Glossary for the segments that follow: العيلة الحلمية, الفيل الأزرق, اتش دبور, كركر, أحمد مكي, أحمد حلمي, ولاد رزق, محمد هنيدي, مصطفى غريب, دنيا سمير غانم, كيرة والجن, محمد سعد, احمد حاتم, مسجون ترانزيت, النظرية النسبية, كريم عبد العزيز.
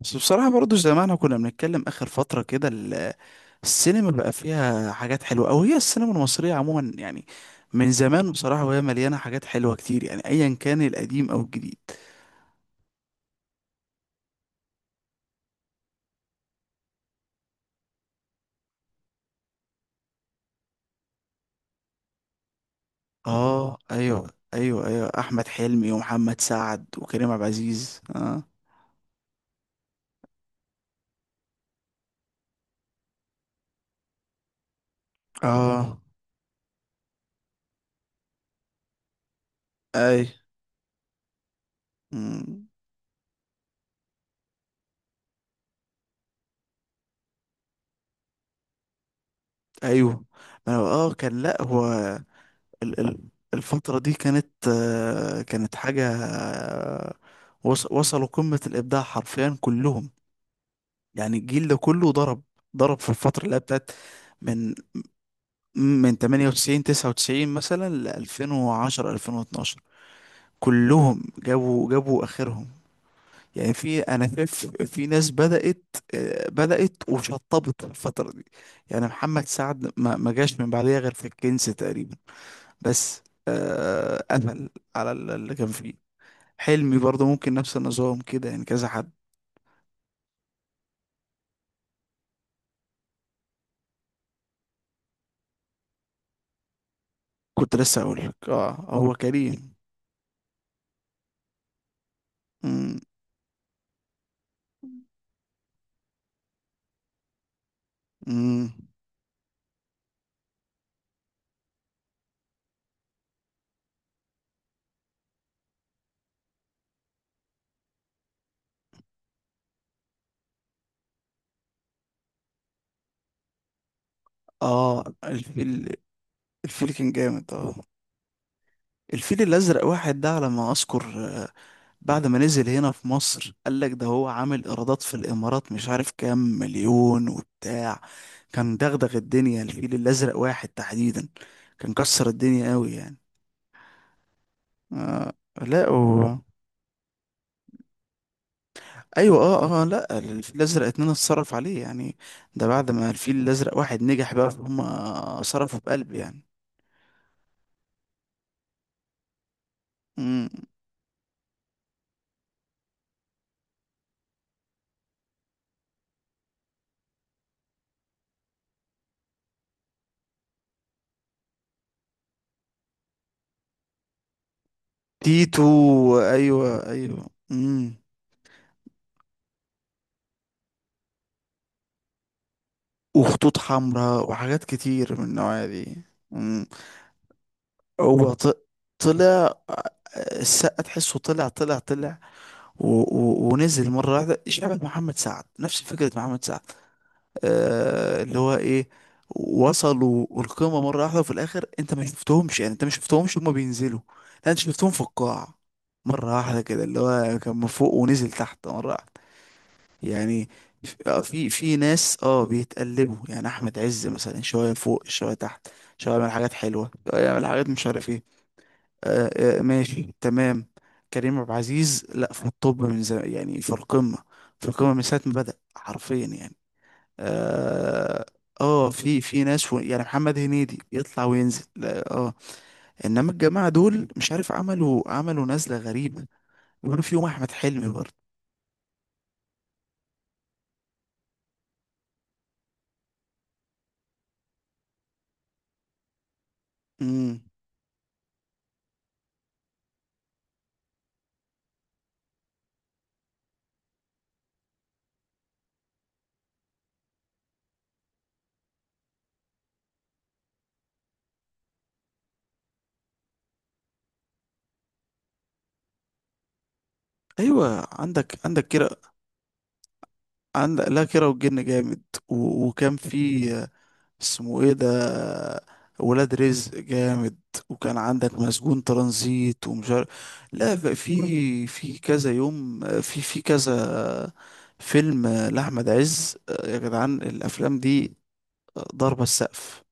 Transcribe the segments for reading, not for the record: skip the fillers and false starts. بس بصراحة برضو زي ما احنا كنا بنتكلم آخر فترة كده السينما بقى فيها حاجات حلوة أو هي السينما المصرية عموما يعني من زمان بصراحة، وهي مليانة حاجات حلوة كتير يعني أيا كان القديم أو الجديد. اه أيوه أيوه أيوه، أحمد حلمي ومحمد سعد وكريم عبد العزيز اه أي. مم. أيوه. ما هو- كان، لأ هو ال ال الفترة دي كانت كانت حاجة وصلوا قمة الإبداع حرفيا كلهم. يعني الجيل ده كله ضرب. ضرب في الفترة اللي هي بتاعت من من 98 99 مثلا ل 2010 2012. كلهم جابوا اخرهم. يعني في، انا شايف في ناس بدأت بدأت وشطبت في الفترة دي. يعني محمد سعد ما جاش من بعديها غير في الكنز تقريبا بس. قفل على اللي كان فيه. حلمي برضه ممكن نفس النظام كده يعني كذا حد. كنت لسه اقول لك هو كريم. امم اه الفيل الفيل كان جامد الفيل الازرق واحد ده على ما اذكر، بعد ما نزل هنا في مصر قال لك ده هو عامل ايرادات في الامارات مش عارف كام مليون وبتاع. كان دغدغ الدنيا الفيل الازرق واحد تحديدا. كان كسر الدنيا قوي يعني. آه لا ايوه لا، الفيل الازرق اتنين اتصرف عليه يعني. ده بعد ما الفيل الازرق واحد نجح بقى، فهم، صرفوا بقلب يعني. تيتو. ايوه ايوه. وخطوط حمراء وحاجات كتير من النوعية دي. امم هو ط- طلع، السقا تحسه طلع و و ونزل مرة واحدة شبه محمد سعد، نفس فكرة محمد سعد. اللي هو ايه، وصلوا القمة مرة واحدة وفي الآخر انت ما شفتهمش، يعني انت ما شفتهمش هما بينزلوا، لا انت شفتهم في القاع مرة واحدة كده. اللي هو كان من فوق ونزل تحت مرة واحدة يعني. في ناس بيتقلبوا. يعني احمد عز مثلا شويه فوق شويه تحت، شويه يعمل حاجات حلوه شويه يعمل حاجات مش عارف ايه. ماشي تمام. كريم عبد العزيز، لا، في الطب من زمان يعني، في القمه. في القمه من ساعه ما بدأ حرفيا يعني. اه في ناس يعني محمد هنيدي يطلع وينزل، لا انما الجماعه دول مش عارف عملوا نزله غريبه، بيقولوا فيهم احمد حلمي برضه. امم ايوه عندك كده. عندك، لا، كيرة والجن جامد. وكان في، اسمه ايه ده، ولاد رزق جامد. وكان عندك مسجون ترانزيت ومش عارف. لا في كذا يوم، في كذا فيلم لأحمد عز يا جدعان. الأفلام دي ضربة السقف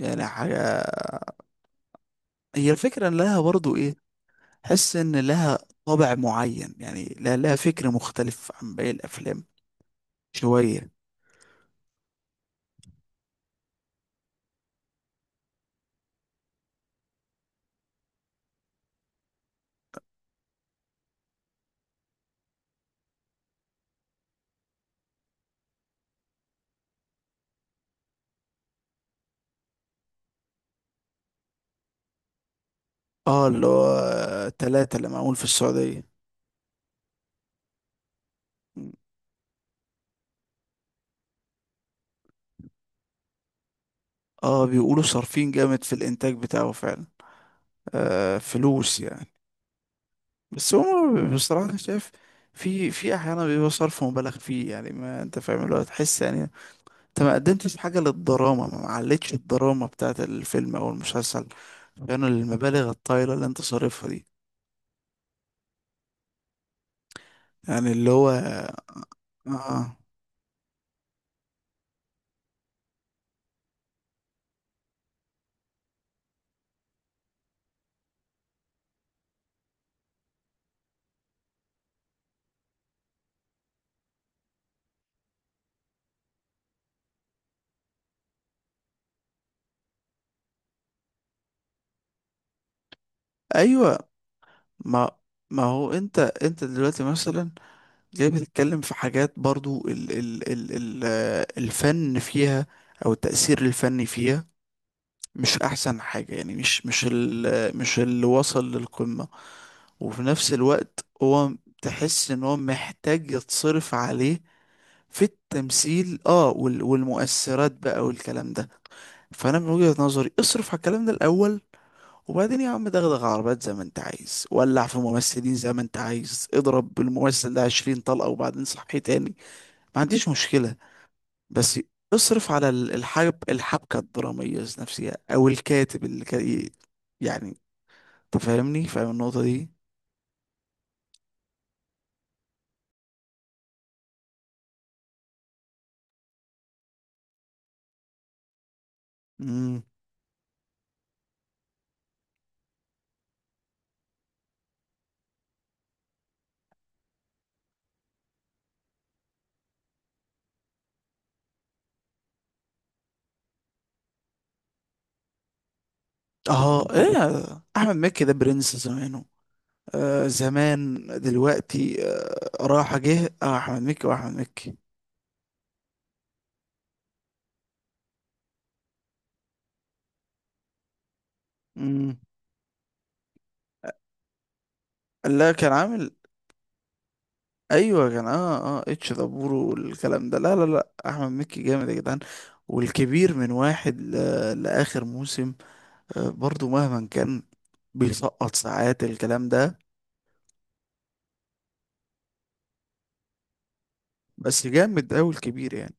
يعني حاجة. هي الفكرة إن لها برضو ايه، حس إن لها طابع معين يعني، لا، لها فكر مختلف عن باقي الأفلام شوية. اه اللي هو تلاتة اللي معمول في السعودية. اه بيقولوا صارفين جامد في الانتاج بتاعه فعلا. فلوس يعني. بس هو بصراحة أنا شايف في احيانا بيبقى صرف مبالغ فيه يعني. ما انت فاهم اللي هو، تحس يعني انت ما قدمتش حاجة للدراما، ما علتش الدراما بتاعت الفيلم او المسلسل كانوا المبالغ الطايلة اللي انت صارفها دي. يعني اللي هو، اه ايوه. ما ما هو انت دلوقتي مثلا جاي بتتكلم في حاجات برضو ال ال ال ال الفن فيها او التأثير الفني فيها مش احسن حاجة يعني، مش، مش ال مش اللي وصل للقمة. وفي نفس الوقت هو، تحس ان هو محتاج يتصرف عليه في التمثيل والمؤثرات بقى والكلام ده. فانا من وجهة نظري اصرف على الكلام ده الاول، وبعدين يا عم دغدغ عربات زي ما انت عايز، ولع في ممثلين زي ما انت عايز، اضرب بالممثل ده 20 طلقة وبعدين صحيه تاني، ما عنديش مشكلة. بس اصرف على الحب، الحبكة الدرامية نفسها، أو الكاتب اللي كان يعني تفهمني، فاهم النقطة دي. مم. اه ايه، أحمد مكي ده برنس زمانه. زمان دلوقتي راح جه أحمد مكي، وأحمد مكي. مم. لا كان عامل أيوة كان، اتش دبور والكلام ده، لا لا لا، أحمد مكي جامد يا جدعان. والكبير من واحد لآخر موسم، برضو مهما كان بيسقط ساعات الكلام ده. بس جامد أوي الكبير يعني.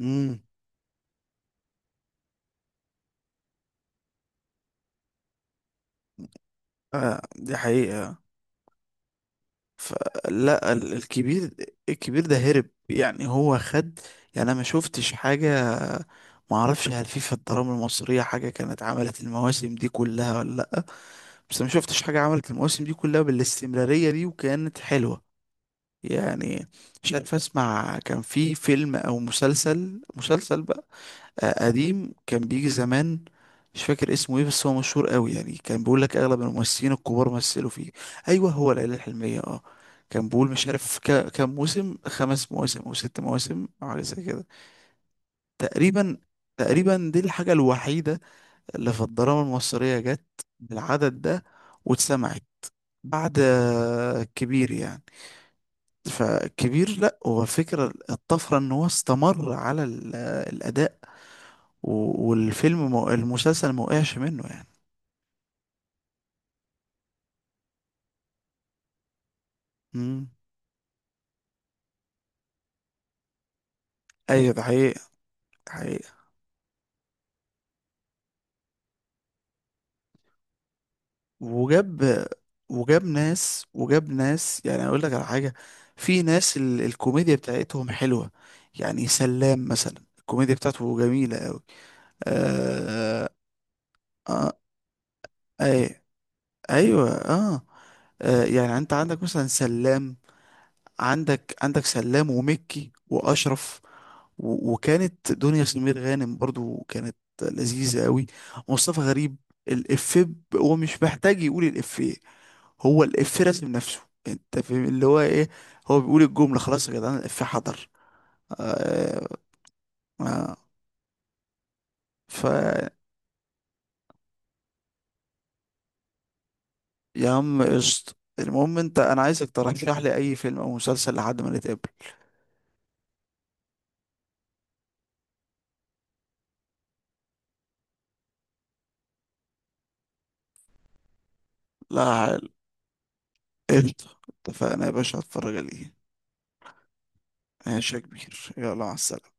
امم دي حقيقة. فلا الكبير، الكبير ده هرب يعني، هو خد. يعني انا ما شفتش حاجة. ما اعرفش هل في الدراما المصرية حاجة كانت عملت المواسم دي كلها ولا لا، بس ما شفتش حاجة عملت المواسم دي كلها بالاستمرارية دي وكانت حلوة يعني. مش عارف اسمع، كان في فيلم او مسلسل بقى قديم كان بيجي زمان، مش فاكر اسمه ايه، بس هو مشهور قوي يعني، كان بيقول لك اغلب الممثلين الكبار مثلوا فيه. ايوه، هو العيله الحلميه كان بيقول مش عارف كام موسم، 5 مواسم او 6 مواسم او حاجه زي كده. تقريبا. تقريبا دي الحاجه الوحيده اللي في الدراما المصريه جت بالعدد ده واتسمعت بعد، كبير يعني. فكبير لا، هو فكرة الطفرة ان هو استمر على الاداء، المسلسل ما وقعش منه يعني. امم ايوه ده حقيقة. ده حقيقة. وجاب، وجاب ناس، وجاب ناس يعني. اقول لك على حاجة، في ناس الكوميديا بتاعتهم حلوة يعني، سلام مثلا الكوميديا بتاعته جميلة قوي. آه... آه... آه... أي- ايوه يعني انت عندك مثلا سلام. عندك سلام ومكي واشرف، وكانت دنيا سمير غانم برضو كانت لذيذة قوي. مصطفى غريب، الإفيه هو مش محتاج يقول الإفيه، هو الإفيه راسم نفسه. انت فاهم اللي هو ايه، هو بيقول الجملة خلاص يا جدعان الإفيه حضر. آه آه ف يا عم قشط، المهم انت، انا عايزك ترشح لي اي فيلم او مسلسل لحد ما نتقابل. لا حل. قشطة اتفقنا يا باشا، هتفرج عليه. ماشي يا كبير، يلا مع السلامة.